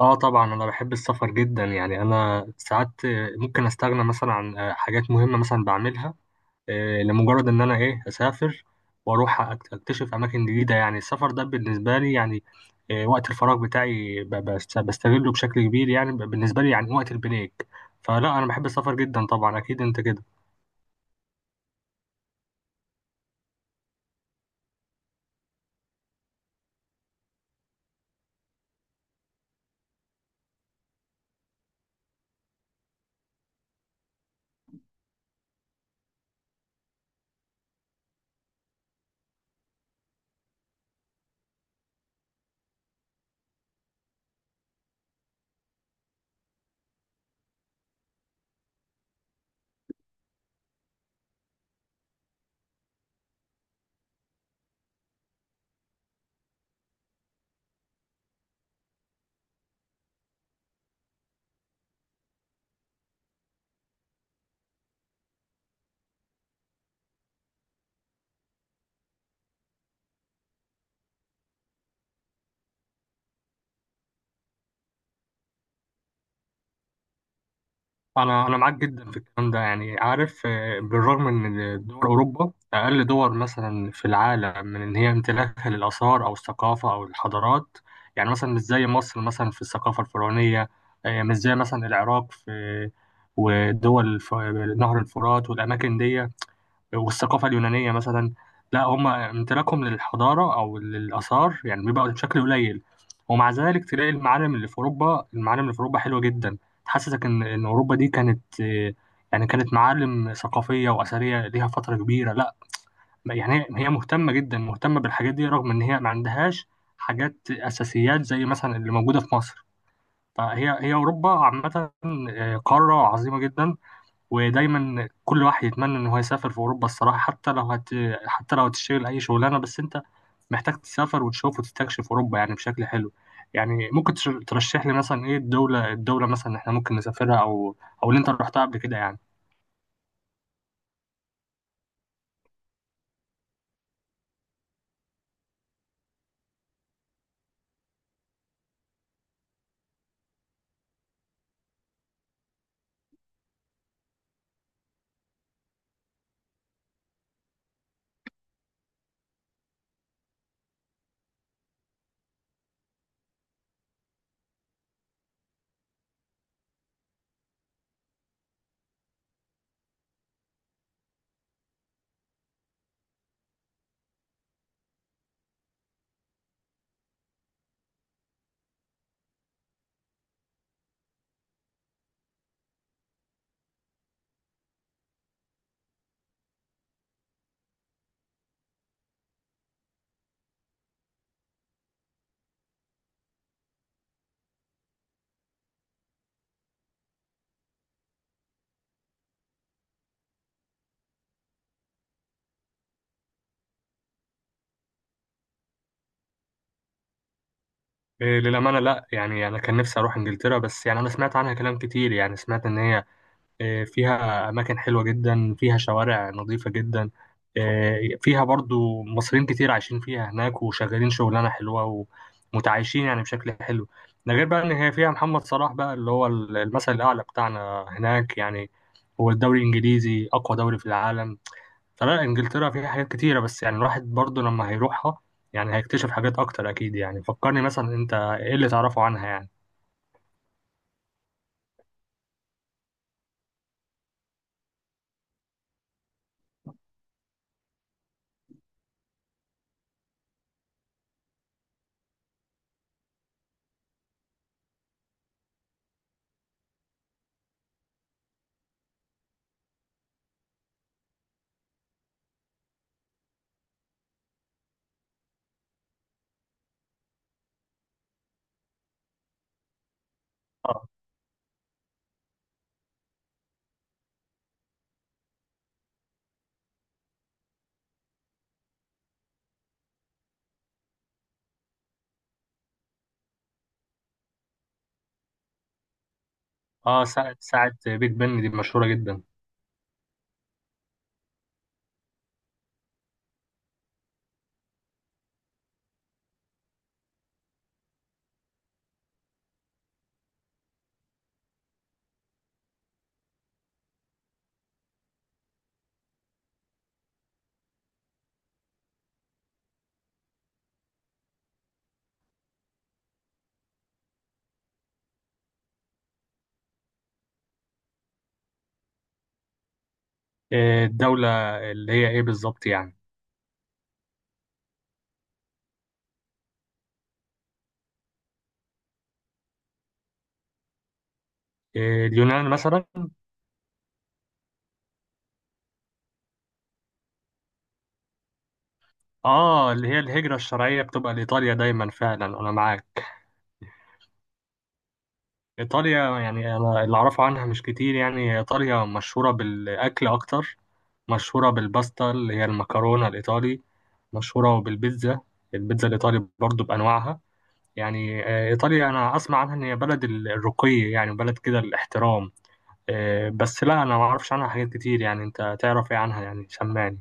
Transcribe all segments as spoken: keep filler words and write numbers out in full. اه، طبعا انا بحب السفر جدا. يعني انا ساعات ممكن استغنى مثلا عن حاجات مهمه مثلا بعملها، آه، لمجرد ان انا ايه اسافر واروح أكت- اكتشف اماكن جديده. يعني السفر ده بالنسبه لي يعني آه، وقت الفراغ بتاعي ب- بست- بستغله بشكل كبير. يعني ب- بالنسبه لي يعني وقت البريك، فلا انا بحب السفر جدا طبعا، اكيد انت كده. انا انا معاك جدا في الكلام ده. يعني عارف، آه، بالرغم ان دول اوروبا اقل دول مثلا في العالم من ان هي امتلاكها للاثار او الثقافه او الحضارات، يعني مثلا مش زي مصر مثلا في الثقافه الفرعونيه، آه، مش زي مثلا العراق في ودول الف- نهر الفرات والاماكن دي، والثقافة اليونانية مثلا. لا، هم امتلاكهم للحضارة أو للآثار يعني بيبقى بشكل قليل، ومع ذلك تلاقي المعالم اللي في أوروبا، المعالم اللي في أوروبا حلوة جدا. تحسسك إن إن أوروبا دي كانت آه، يعني كانت معالم ثقافية وأثرية ليها فترة كبيرة. لا يعني هي هي مهتمة جدا، مهتمة بالحاجات دي، رغم إن هي ما عندهاش حاجات أساسيات زي مثلا اللي موجودة في مصر. فهي هي أوروبا عامة آه، قارة عظيمة جدا، ودايما كل واحد يتمنى ان هو يسافر في اوروبا الصراحه. حتى لو هت... حتى لو هتشتغل اي شغلانه، بس انت محتاج تسافر وتشوف وتستكشف اوروبا يعني بشكل حلو. يعني ممكن تش- ترشح لي مثلا ايه الدوله الدوله مثلا احنا ممكن نسافرها، او او اللي انت رحتها قبل كده يعني. إيه للامانه، لا يعني انا كان نفسي اروح انجلترا، بس يعني انا سمعت عنها كلام كتير. يعني سمعت ان هي آه، فيها أماكن حلوة جدا، فيها شوارع نظيفة جدا، آه، فيها برضو مصريين كتير عايشين فيها هناك وشغالين شغلانة حلوة ومتعايشين يعني بشكل حلو. ده غير بقى إن هي فيها محمد صلاح بقى اللي هو المثل الأعلى بتاعنا هناك يعني. هو الدوري الإنجليزي أقوى دوري في العالم، فلا إنجلترا فيها حاجات كتيرة. بس يعني الواحد برضو لما هيروحها يعني هيكتشف حاجات أكتر أكيد. يعني فكرني مثلا، أنت إيه اللي تعرفه عنها يعني؟ آه. آه، ساعة ساعة بيج بن دي مشهورة جدا. آه، الدولة اللي هي ايه بالظبط يعني؟ آه، اليونان مثلا؟ اه، اللي هي الهجرة الشرعية بتبقى لإيطاليا دايما، فعلا انا معاك. إيطاليا يعني انا اللي اعرفه عنها مش كتير. يعني إيطاليا مشهورة بالأكل اكتر، مشهورة بالباستا اللي هي المكرونة الإيطالي، مشهورة بالبيتزا، البيتزا الإيطالي برضو بأنواعها. يعني آه، إيطاليا أنا أسمع عنها إن هي بلد الرقي، يعني بلد كده الاحترام، آه، بس لا أنا ما أعرفش عنها حاجات كتير. يعني أنت تعرف إيه عنها يعني؟ سمعني.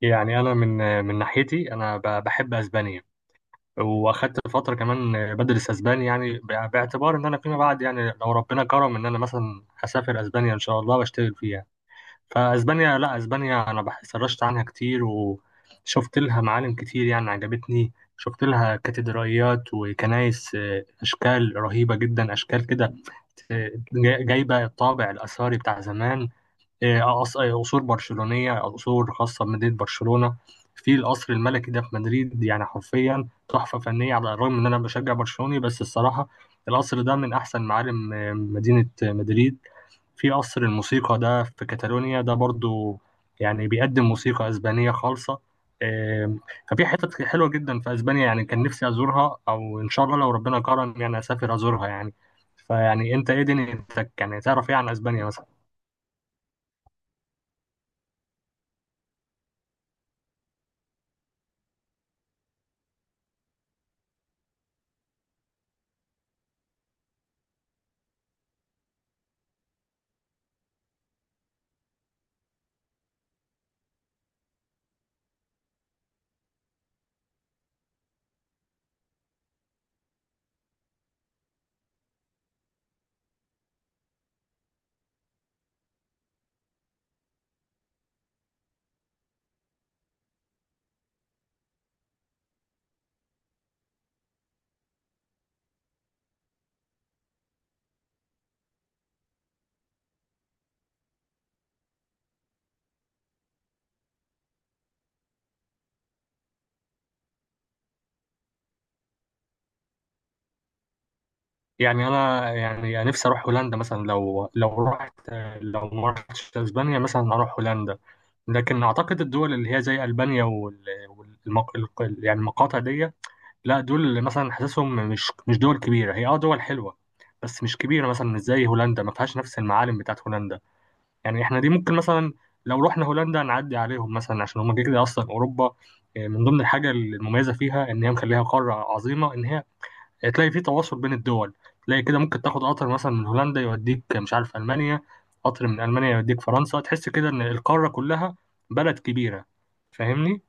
يعني انا من من ناحيتي انا ب- بحب اسبانيا، واخدت فتره كمان بدرس اسباني، يعني ب- باعتبار ان انا فيما بعد يعني لو ربنا كرم ان انا مثلا هسافر اسبانيا ان شاء الله واشتغل فيها. فاسبانيا، لا اسبانيا انا بح- سرشت عنها كتير وشفت لها معالم كتير يعني عجبتني، شفت لها كاتدرائيات وكنائس، آه، اشكال رهيبه جدا، اشكال كده آه، جايبه الطابع الاثري بتاع زمان. آه، آه، قص- آه، قصور برشلونية، قصور خاصة بمدينة برشلونة. في القصر الملكي ده في مدريد يعني حرفيا تحفة فنية. على الرغم إن أنا بشجع برشلوني، بس الصراحة القصر ده من أحسن معالم آه، مدينة آه، مدريد. في قصر الموسيقى ده في كاتالونيا ده برضو، يعني بيقدم موسيقى أسبانية خالصة. آم، ففي حتت حلوة جدا في أسبانيا. يعني كان نفسي أزورها، أو إن شاء الله لو ربنا كرم يعني أسافر أزورها يعني. فيعني أنت إيه دنيتك؟ يعني تعرف إيه عن أسبانيا مثلا؟ يعني انا يعني نفسي اروح هولندا مثلا، لو لو رحت، لو ما رحتش اسبانيا مثلا اروح هولندا. لكن اعتقد الدول اللي هي زي البانيا وال والمق... الق- يعني المقاطع دي، لا دول اللي مثلا حاسسهم مش مش دول كبيره. هي اه دول حلوه بس مش كبيره، مثلا مش زي هولندا، ما فيهاش نفس المعالم بتاعت هولندا. يعني احنا دي ممكن مثلا لو رحنا هولندا نعدي عليهم مثلا، عشان هم كده كده اصلا اوروبا آه، من ضمن الحاجه المميزه فيها ان هي مخليها قاره عظيمه ان هي تلاقي في تواصل بين الدول. تلاقي كده ممكن تاخد قطر مثلا من هولندا يوديك مش عارف ألمانيا، قطر من ألمانيا يوديك فرنسا، تحس كده إن القارة كلها بلد كبيرة. فاهمني؟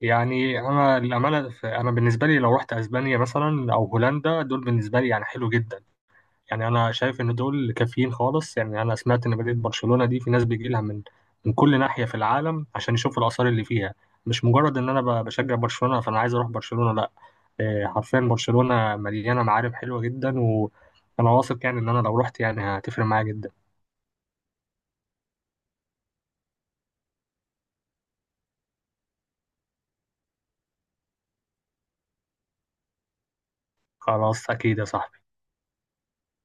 يعني أنا الأمانة، ف- أنا بالنسبة لي لو رحت أسبانيا مثلا أو هولندا، دول بالنسبة لي يعني حلو جدا. يعني أنا شايف إن دول كافيين خالص. يعني أنا سمعت إن مدينة برشلونة دي في ناس بيجي لها من من كل ناحية في العالم عشان يشوفوا الآثار اللي فيها. مش مجرد إن أنا ب- بشجع برشلونة فأنا عايز أروح برشلونة، لا. آه، حرفيا برشلونة مليانة معارف حلوة جدا، وأنا واثق يعني إن أنا لو رحت يعني هتفرق معايا جدا. خلاص أكيد يا صاحبي.